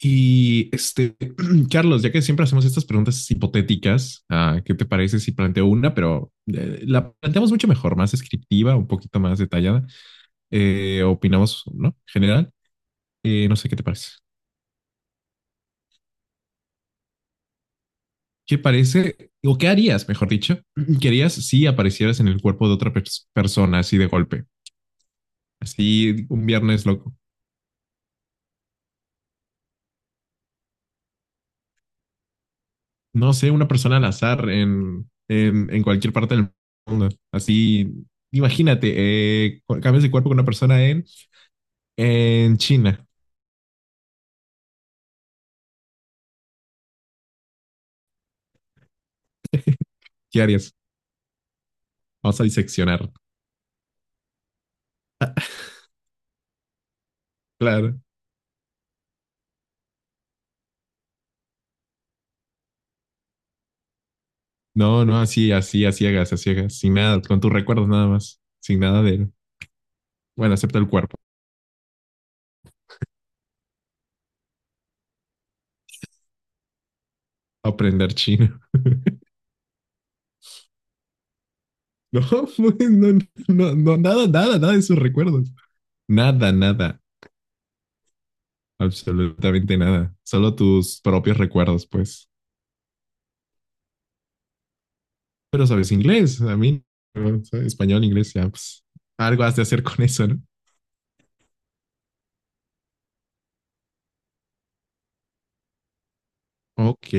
Y este, Carlos, ya que siempre hacemos estas preguntas hipotéticas, ¿qué te parece si planteo una, pero la planteamos mucho mejor, más descriptiva, un poquito más detallada? Opinamos, ¿no? General, no sé qué te parece. ¿Qué parece, o qué harías, mejor dicho, qué harías si aparecieras en el cuerpo de otra persona así de golpe? Así un viernes loco. No sé, una persona al azar en cualquier parte del mundo. Así, imagínate, cambias de cuerpo con una persona en China, ¿qué harías? Vamos a diseccionar. Claro. No, no, así, así, a ciegas, sin nada, con tus recuerdos nada más, sin nada de, bueno, acepta el cuerpo, aprender chino. No, pues, no, no, no, nada, nada, nada de sus recuerdos. Nada, nada, absolutamente nada. Solo tus propios recuerdos, pues. Pero sabes inglés, a mí, no, ¿sabes? Español, inglés, ya, pues, algo has de hacer con eso, ¿no? Ok.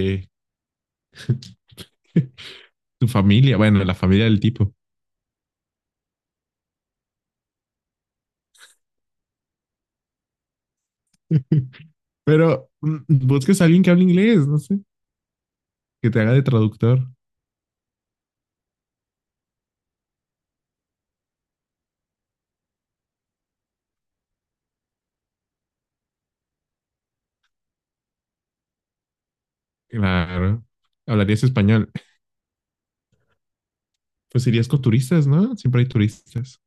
Tu familia, bueno, la familia del tipo. Pero busques a alguien que hable inglés, no sé, que te haga de traductor. Claro. Hablarías español. Pues irías con turistas, ¿no? Siempre hay turistas.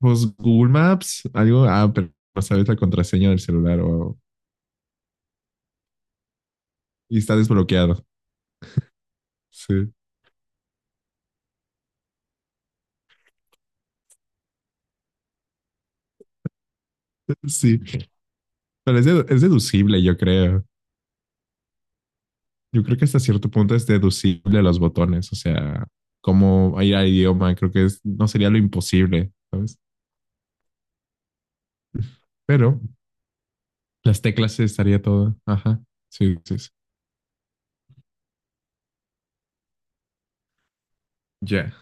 Pues Google Maps, algo. Ah, pero no sabes la contraseña del celular o. Y está desbloqueado. Sí. Sí. Pero es, es deducible, yo creo. Yo creo que hasta cierto punto es deducible los botones. O sea, cómo ir al idioma, creo que es, no sería lo imposible, ¿sabes? Pero las teclas sí estaría todo. Ajá. Sí, sí, sí. Ya.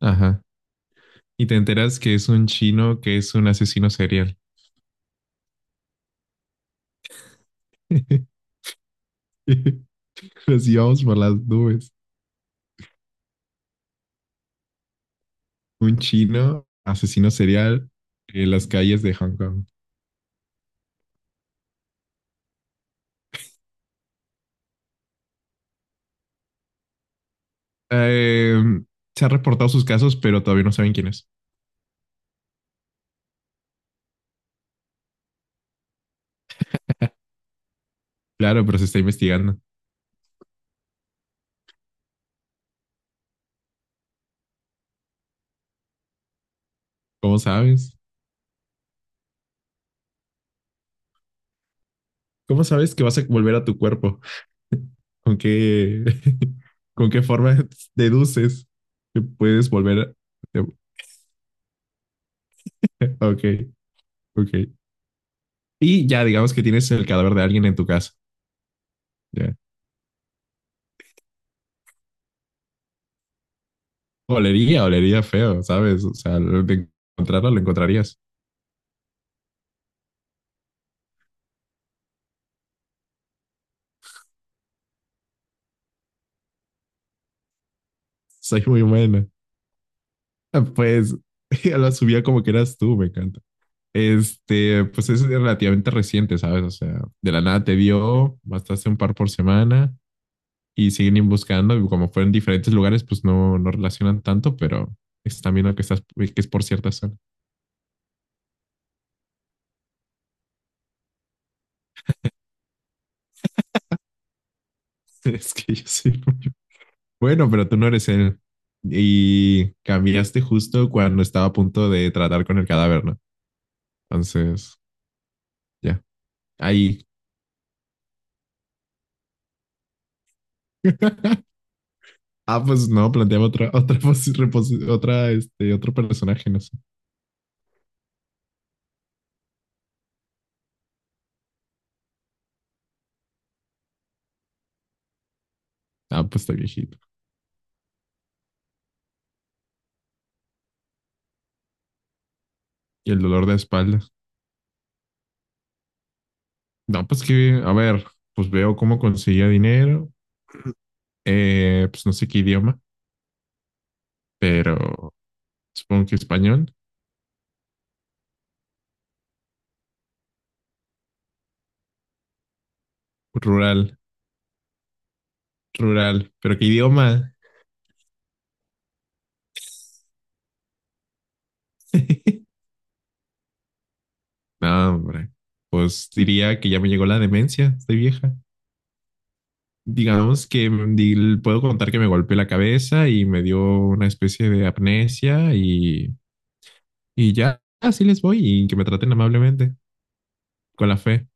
Ajá. Y te enteras que es un chino que es un asesino serial. Nos íbamos por las nubes. Un chino asesino serial en las calles de Hong Kong. Eh, se han reportado sus casos, pero todavía no saben quién es. Claro, pero se está investigando. ¿Cómo sabes? ¿Cómo sabes que vas a volver a tu cuerpo? ¿Con qué, con qué forma deduces que puedes volver? a- Ok, ok. Y ya digamos que tienes el cadáver de alguien en tu casa. Ya. Olería, olería feo, ¿sabes? O sea, de encontrarlo lo encontrarías. Soy muy buena. Pues la subía como que eras tú, me encanta. Pues es relativamente reciente, ¿sabes? O sea, de la nada te dio, bastaste un par por semana y siguen buscando. Y como fueron diferentes lugares, pues no, no relacionan tanto, pero es también lo que estás, que es por cierta zona. Es que yo soy muy bueno, pero tú no eres él. Y cambiaste justo cuando estaba a punto de tratar con el cadáver, ¿no? Entonces, ya, ahí. Ah, pues no, planteaba otra, otra, posi- reposi- otra, este, otro personaje, no sé. Ah, pues está viejito. Y el dolor de espalda. No, pues que, a ver, pues veo cómo conseguía dinero. Pues no sé qué idioma, pero supongo que español. Rural, rural. Pero qué idioma. No, hombre. Pues diría que ya me llegó la demencia, estoy vieja. Digamos que puedo contar que me golpeé la cabeza y me dio una especie de amnesia y ya, así les voy y que me traten amablemente, con la fe.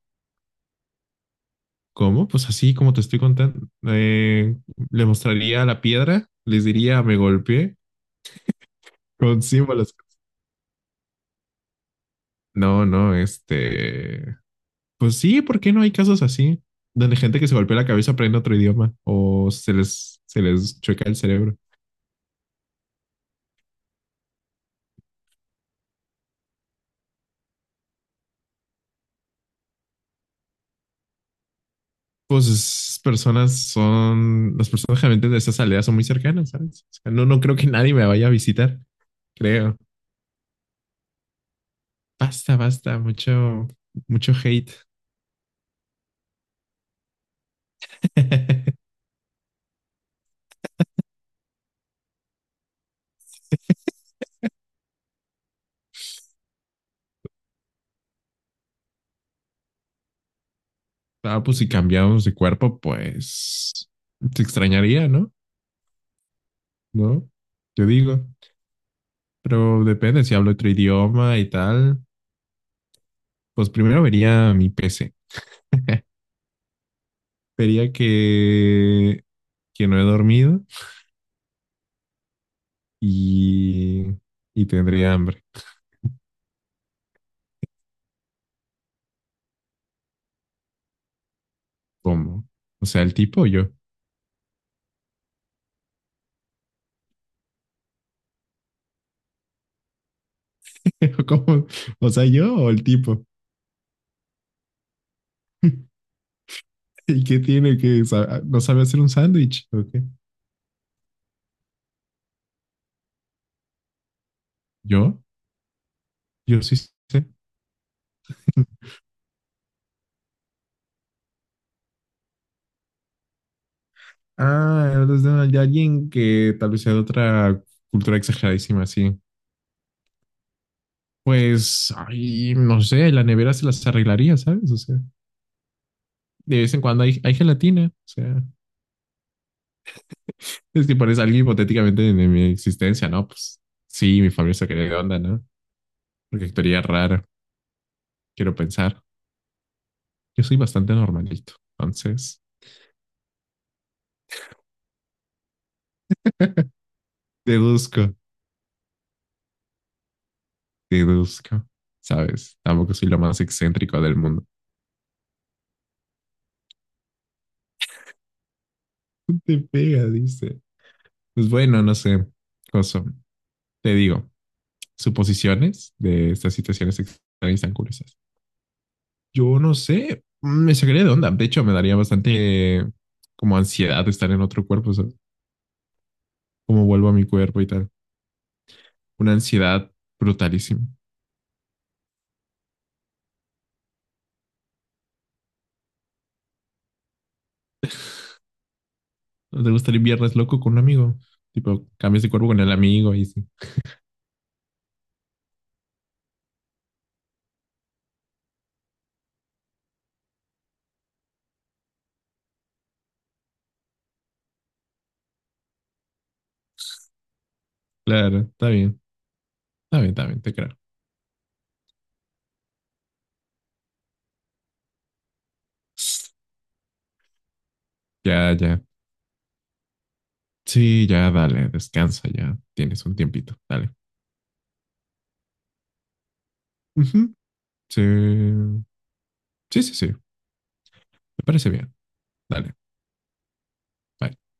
¿Cómo? Pues así como te estoy contando. Le mostraría la piedra, les diría me golpeé con símbolos. No, no, pues sí, ¿por qué no hay casos así? Donde gente que se golpea la cabeza aprende otro idioma o se les chueca el cerebro. Pues las personas generalmente de esas aldeas son muy cercanas, ¿sabes? O sea, no, no creo que nadie me vaya a visitar, creo. Basta, basta, mucho, mucho hate. Ah, pues si cambiamos de cuerpo, pues te extrañaría, ¿no? ¿No? Yo digo. Pero depende, si hablo otro idioma y tal, pues primero vería mi PC. Vería que no he dormido y, y tendría hambre. ¿Cómo? O sea, el tipo o yo. ¿Cómo? O sea, yo o el tipo. ¿Y qué tiene que no sabe hacer un sándwich? ¿O qué? ¿Yo? Yo sí sé. Ah, eres de alguien que tal vez sea de otra cultura exageradísima, sí. Pues, ay, no sé, la nevera se las arreglaría, ¿sabes? O sea, de vez en cuando hay gelatina. O sea, es que parece alguien hipotéticamente de mi existencia, ¿no? Pues sí, mi familia se quería de onda, ¿no? Porque actuaría rara, quiero pensar. Yo soy bastante normalito, entonces. Deduzco, deduzco. ¿Sabes? Tampoco soy lo más excéntrico del mundo. Te pega, dice. Pues bueno, no sé. Cosa. Te digo, suposiciones de estas situaciones extrañas tan curiosas. Yo no sé. Me sacaría de onda. De hecho, me daría bastante como ansiedad de estar en otro cuerpo, ¿sabes? Cómo vuelvo a mi cuerpo y tal. Una ansiedad brutalísima. ¿No te gustaría viernes loco con un amigo? Tipo, cambias de cuerpo con el amigo y sí. Claro, está bien. Está bien, está bien, te creo. Ya, ya. Sí, ya dale, descansa, ya tienes un tiempito, dale. Ujú, sí, sí, sí, sí, me parece bien, dale, bye.